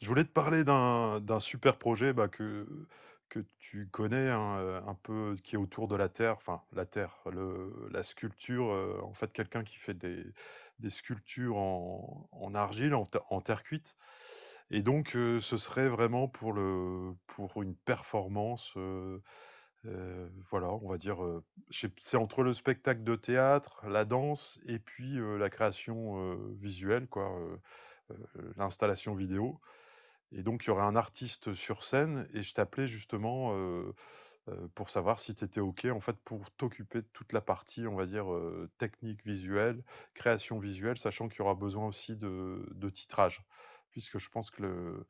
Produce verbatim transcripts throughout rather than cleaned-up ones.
Je voulais te parler d'un d'un super projet bah, que, que tu connais hein, euh, un peu, qui est autour de la Terre, enfin la Terre, le, la sculpture, euh, en fait quelqu'un qui fait des, des sculptures en, en argile, en, te- en terre cuite. Et donc euh, ce serait vraiment pour le pour une performance, euh, euh, voilà, on va dire, euh, je sais- c'est entre le spectacle de théâtre, la danse et puis euh, la création euh, visuelle, quoi. euh, euh, L'installation vidéo. Et donc, il y aurait un artiste sur scène et je t'appelais justement heu heu, pour savoir si tu étais OK, en fait, pour t'occuper de toute la partie, on va dire, heu, technique visuelle, création visuelle, sachant qu'il y aura besoin aussi de de titrage. Puisque je pense que le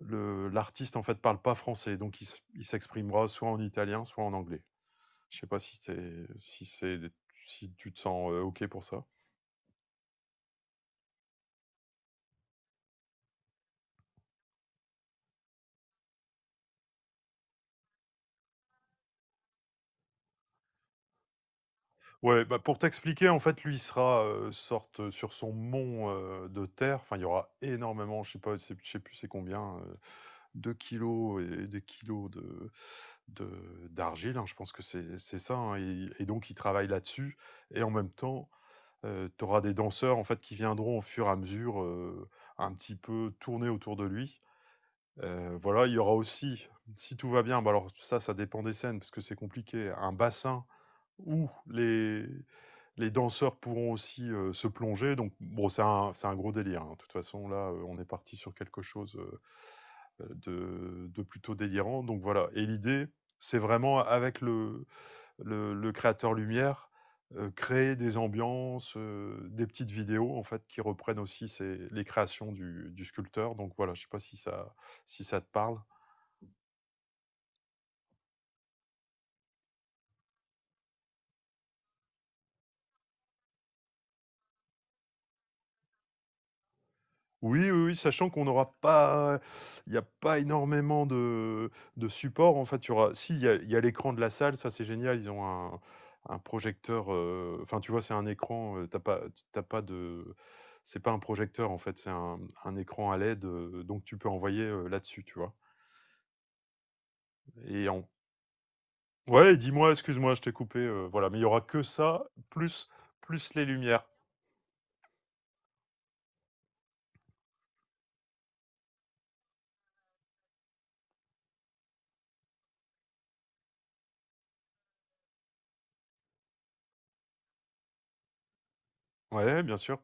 le l'artiste, en fait, parle pas français, donc il s il s'exprimera soit en italien, soit en anglais. Je sais pas si c'est si c'est si tu te sens, heu, OK pour ça? Ouais, bah, pour t'expliquer, en fait, lui, il sera, heu, sorte, sur son mont, heu, de terre. Enfin, il y aura énormément, je sais pas, c'est je sais plus c'est combien, heu, deux kilos et des kilos de de d'argile, hein, je pense que c'est c'est ça, hein et et donc il travaille là-dessus et en même temps, heu, tu auras des danseurs, en fait, qui viendront au fur et à mesure, heu, un petit peu tourner autour de lui. Heu, voilà, il y aura aussi, si tout va bien, bah, alors ça, ça dépend des scènes parce que c'est compliqué, un bassin où les, les danseurs pourront aussi euh, se plonger. Donc, bon, c'est un, c'est un gros délire. Hein. De toute façon, là, euh, on est parti sur quelque chose euh, de, de plutôt délirant. Donc, voilà. Et l'idée, c'est vraiment avec le, le, le créateur lumière, euh, créer des ambiances, euh, des petites vidéos, en fait, qui reprennent aussi ces- les créations du, du sculpteur. Donc, voilà, je ne sais pas si ça, si ça te parle. Oui, oui, oui, sachant qu'on n'aura pas il n'y a pas énormément de de support, en fait, il y aura si il y a il y a l'écran de la salle, ça c'est génial, ils ont un un projecteur, heu, enfin, tu vois, c'est un écran, heu, tu pas t'as pas de c'est pas un projecteur, en fait, c'est un un écran à led, heu, donc tu peux envoyer, heu, là-dessus, tu vois? Et en Ouais, dis-moi, excuse-moi, je t'ai coupé, heu, voilà, mais il y aura que ça, plus plus les lumières. Ouais, bien sûr.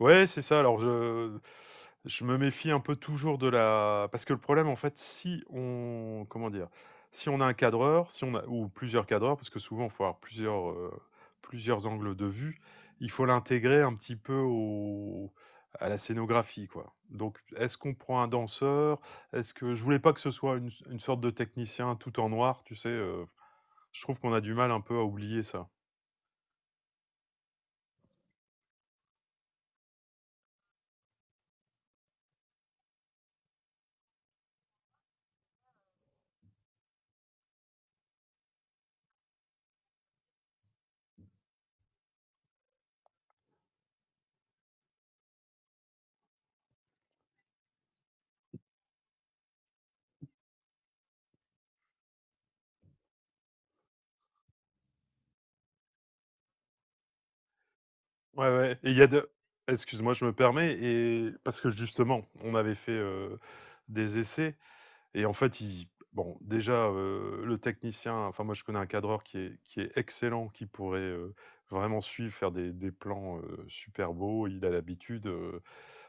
Ouais, c'est ça. Alors je je me méfie un peu toujours de la parce que le problème, en fait, si on comment dire? Si on a un cadreur, si on a ou plusieurs cadreurs, parce que souvent, il faut avoir plusieurs, heu, plusieurs angles de vue, il faut l'intégrer un petit peu au à la scénographie, quoi. Donc est-ce qu'on prend un danseur? Est-ce que je voulais pas que ce soit une une sorte de technicien tout en noir, tu sais, heu? Je trouve qu'on a du mal un peu à oublier ça. Ouais, ouais et il y a de excuse-moi, je me permets et parce que justement, on avait fait, heu, des essais et en fait, il bon, déjà, heu, le technicien enfin moi, je connais un cadreur qui est qui est excellent, qui pourrait, heu, vraiment suivre, faire des des plans, heu, super beaux. Il a l'habitude, heu,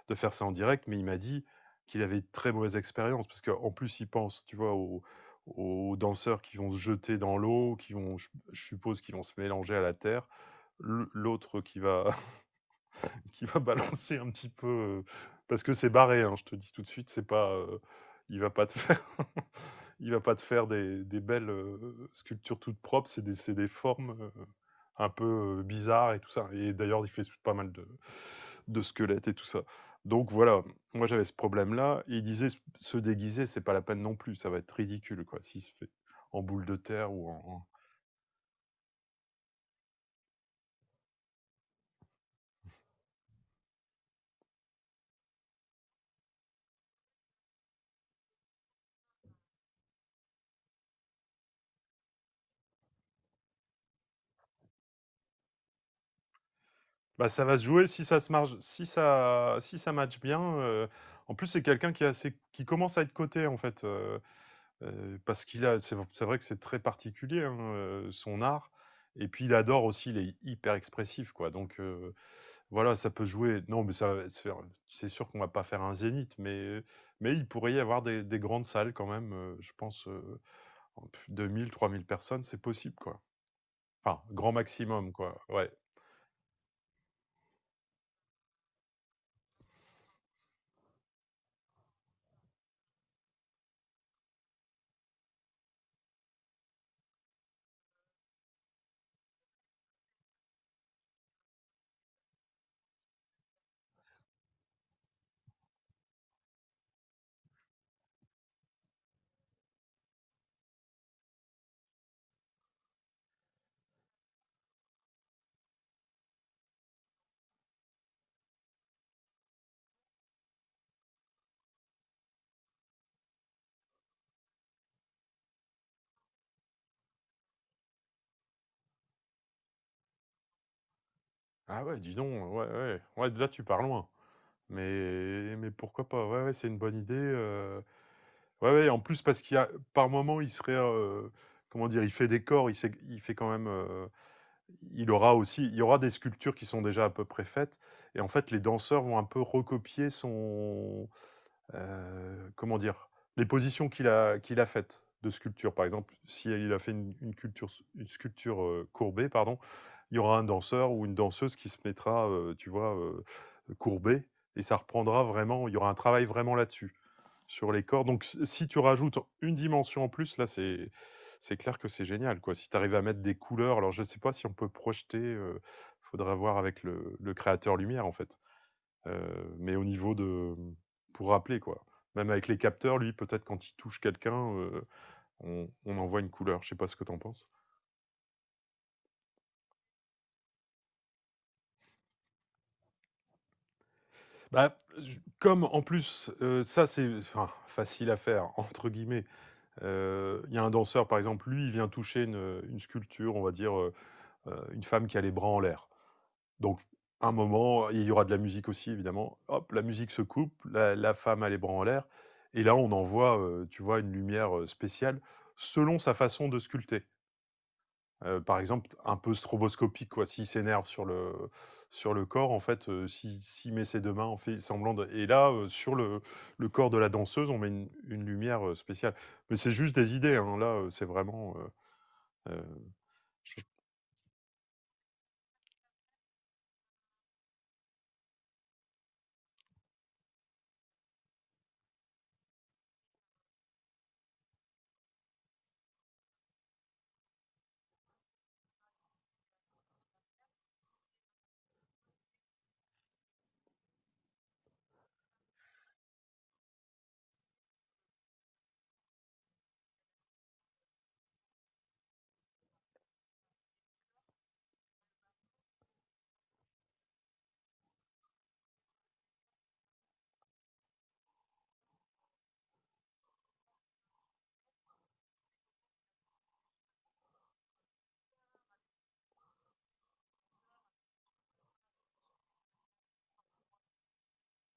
de faire ça en direct, mais il m'a dit qu'il avait de très mauvaise expérience parce qu'en plus, il pense, tu vois, aux aux danseurs qui vont se jeter dans l'eau, qui vont je je suppose qui vont se mélanger à la terre. L l'autre qui va qui va balancer un petit peu euh, parce que c'est barré. Hein, je te dis tout de suite, c'est pas, euh, il va pas te faire, il va pas te faire des, des belles euh, sculptures toutes propres. C'est des, c'est des formes euh, un peu euh, bizarres et tout ça. Et d'ailleurs, il fait pas mal de, de squelettes et tout ça. Donc voilà, moi j'avais ce problème-là. Et il disait se déguiser, c'est pas la peine non plus. Ça va être ridicule quoi, s'il se fait en boule de terre ou en, Bah, ça va se jouer si ça se marge si ça si ça match bien, heu, en plus, c'est quelqu'un qui est assez qui commence à être coté, en fait, heu heu, parce qu'il a c'est c'est vrai que c'est très particulier, hein, heu, son art et puis il adore aussi, il est hyper expressif, quoi, donc heu, voilà, ça peut jouer. Non, mais ça va se faire, c'est sûr qu'on va pas faire un zénith, mais mais il pourrait y avoir des des grandes salles quand même, heu, je pense, heu, en pff, deux mille-trois mille personnes, c'est possible, quoi. Enfin, grand maximum, quoi, ouais. Ah ouais, dis donc, ouais, ouais, ouais, là, tu pars loin. Mais mais pourquoi pas? Ouais, ouais, c'est une bonne idée, heu, ouais, ouais, en plus parce qu'il y a par moment, il serait, heu, comment dire? Il fait décor, il sait il fait quand même, heu, il aura aussi il y aura des sculptures qui sont déjà à peu près faites et en fait, les danseurs vont un peu recopier son euh, comment dire, les positions qu'il a, qu'il a faites de sculpture. Par exemple, si il a fait une, une culture, une sculpture euh, courbée, pardon, il y aura un danseur ou une danseuse qui se mettra, euh, tu vois, euh, courbée, et ça reprendra vraiment, il y aura un travail vraiment là-dessus, sur les corps. Donc si si tu rajoutes une dimension en plus, là, c'est... C'est clair que c'est génial, quoi. Si tu arrives à mettre des couleurs, alors je ne sais pas si on peut projeter, il faudra voir avec le, le créateur lumière, en fait. Heu, mais au niveau de pour rappeler quoi. Même avec les capteurs, lui, peut-être quand il touche quelqu'un, heu, on on en voit une couleur. Je sais pas ce que t'en penses? Bah, j comme en plus, heu, ça c'est enfin «facile à faire» entre guillemets. Heu, il y a un danseur par exemple, lui, il vient toucher une, une sculpture, on va dire, heu heu, une femme qui a les bras en l'air. Donc, un moment, il y aura de la musique aussi, évidemment. Hop, la musique se coupe, la, la femme a les bras en l'air. Et là, on envoie, euh, tu vois, une lumière euh, spéciale selon sa façon de sculpter. Euh, par exemple, un peu stroboscopique, quoi. S'il s'énerve sur le, sur le corps, en fait, euh, s'il s'il met ses deux mains, en fait semblant de... Et là, euh, sur le, le corps de la danseuse, on met une, une lumière euh, spéciale. Mais c'est juste des idées, hein. Là, euh, c'est vraiment... euh, euh, je-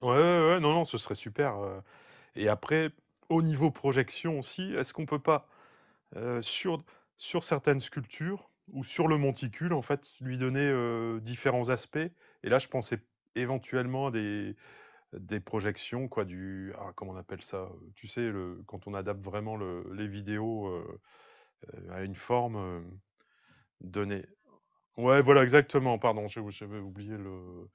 Ouais, ouais, ouais, non, non, ce serait super. Et après, au niveau projection aussi, est-ce qu'on peut pas, euh, sur, sur certaines sculptures ou sur le monticule, en fait, lui donner euh, différents aspects. Et là, je pensais éventuellement à des, des projections, quoi, du... Ah, comment on appelle ça euh, Tu sais, le, quand on adapte vraiment le- les vidéos euh, euh, à une forme euh, donnée. Ouais, voilà, exactement, pardon, j'ai- j'avais oublié le...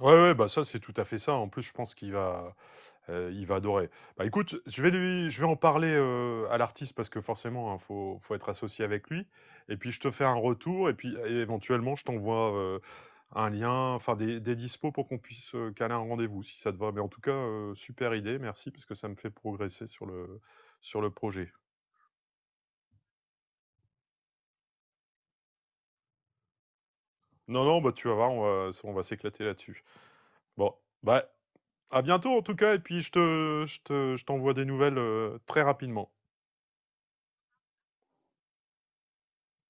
Ouais, ouais, bah ça, c'est tout à fait ça. En plus, je pense qu'il va... Heu, il va adorer. Bah, écoute, je vais lui je vais en parler, heu, à l'artiste parce que forcément, hein, faut faut être associé avec lui et puis je te fais un retour et puis é éventuellement, je t'envoie, heu, un lien, enfin des des dispos pour qu'on puisse, heu, caler un rendez-vous si ça te va. Mais en tout cas, heu, super idée, merci parce que ça me fait progresser sur le sur le projet. Non, non, bah, tu vas voir, on va on va s'éclater là-dessus. Bon, bah, à bientôt en tout cas et puis je te je te je t'envoie des nouvelles, heu, très rapidement.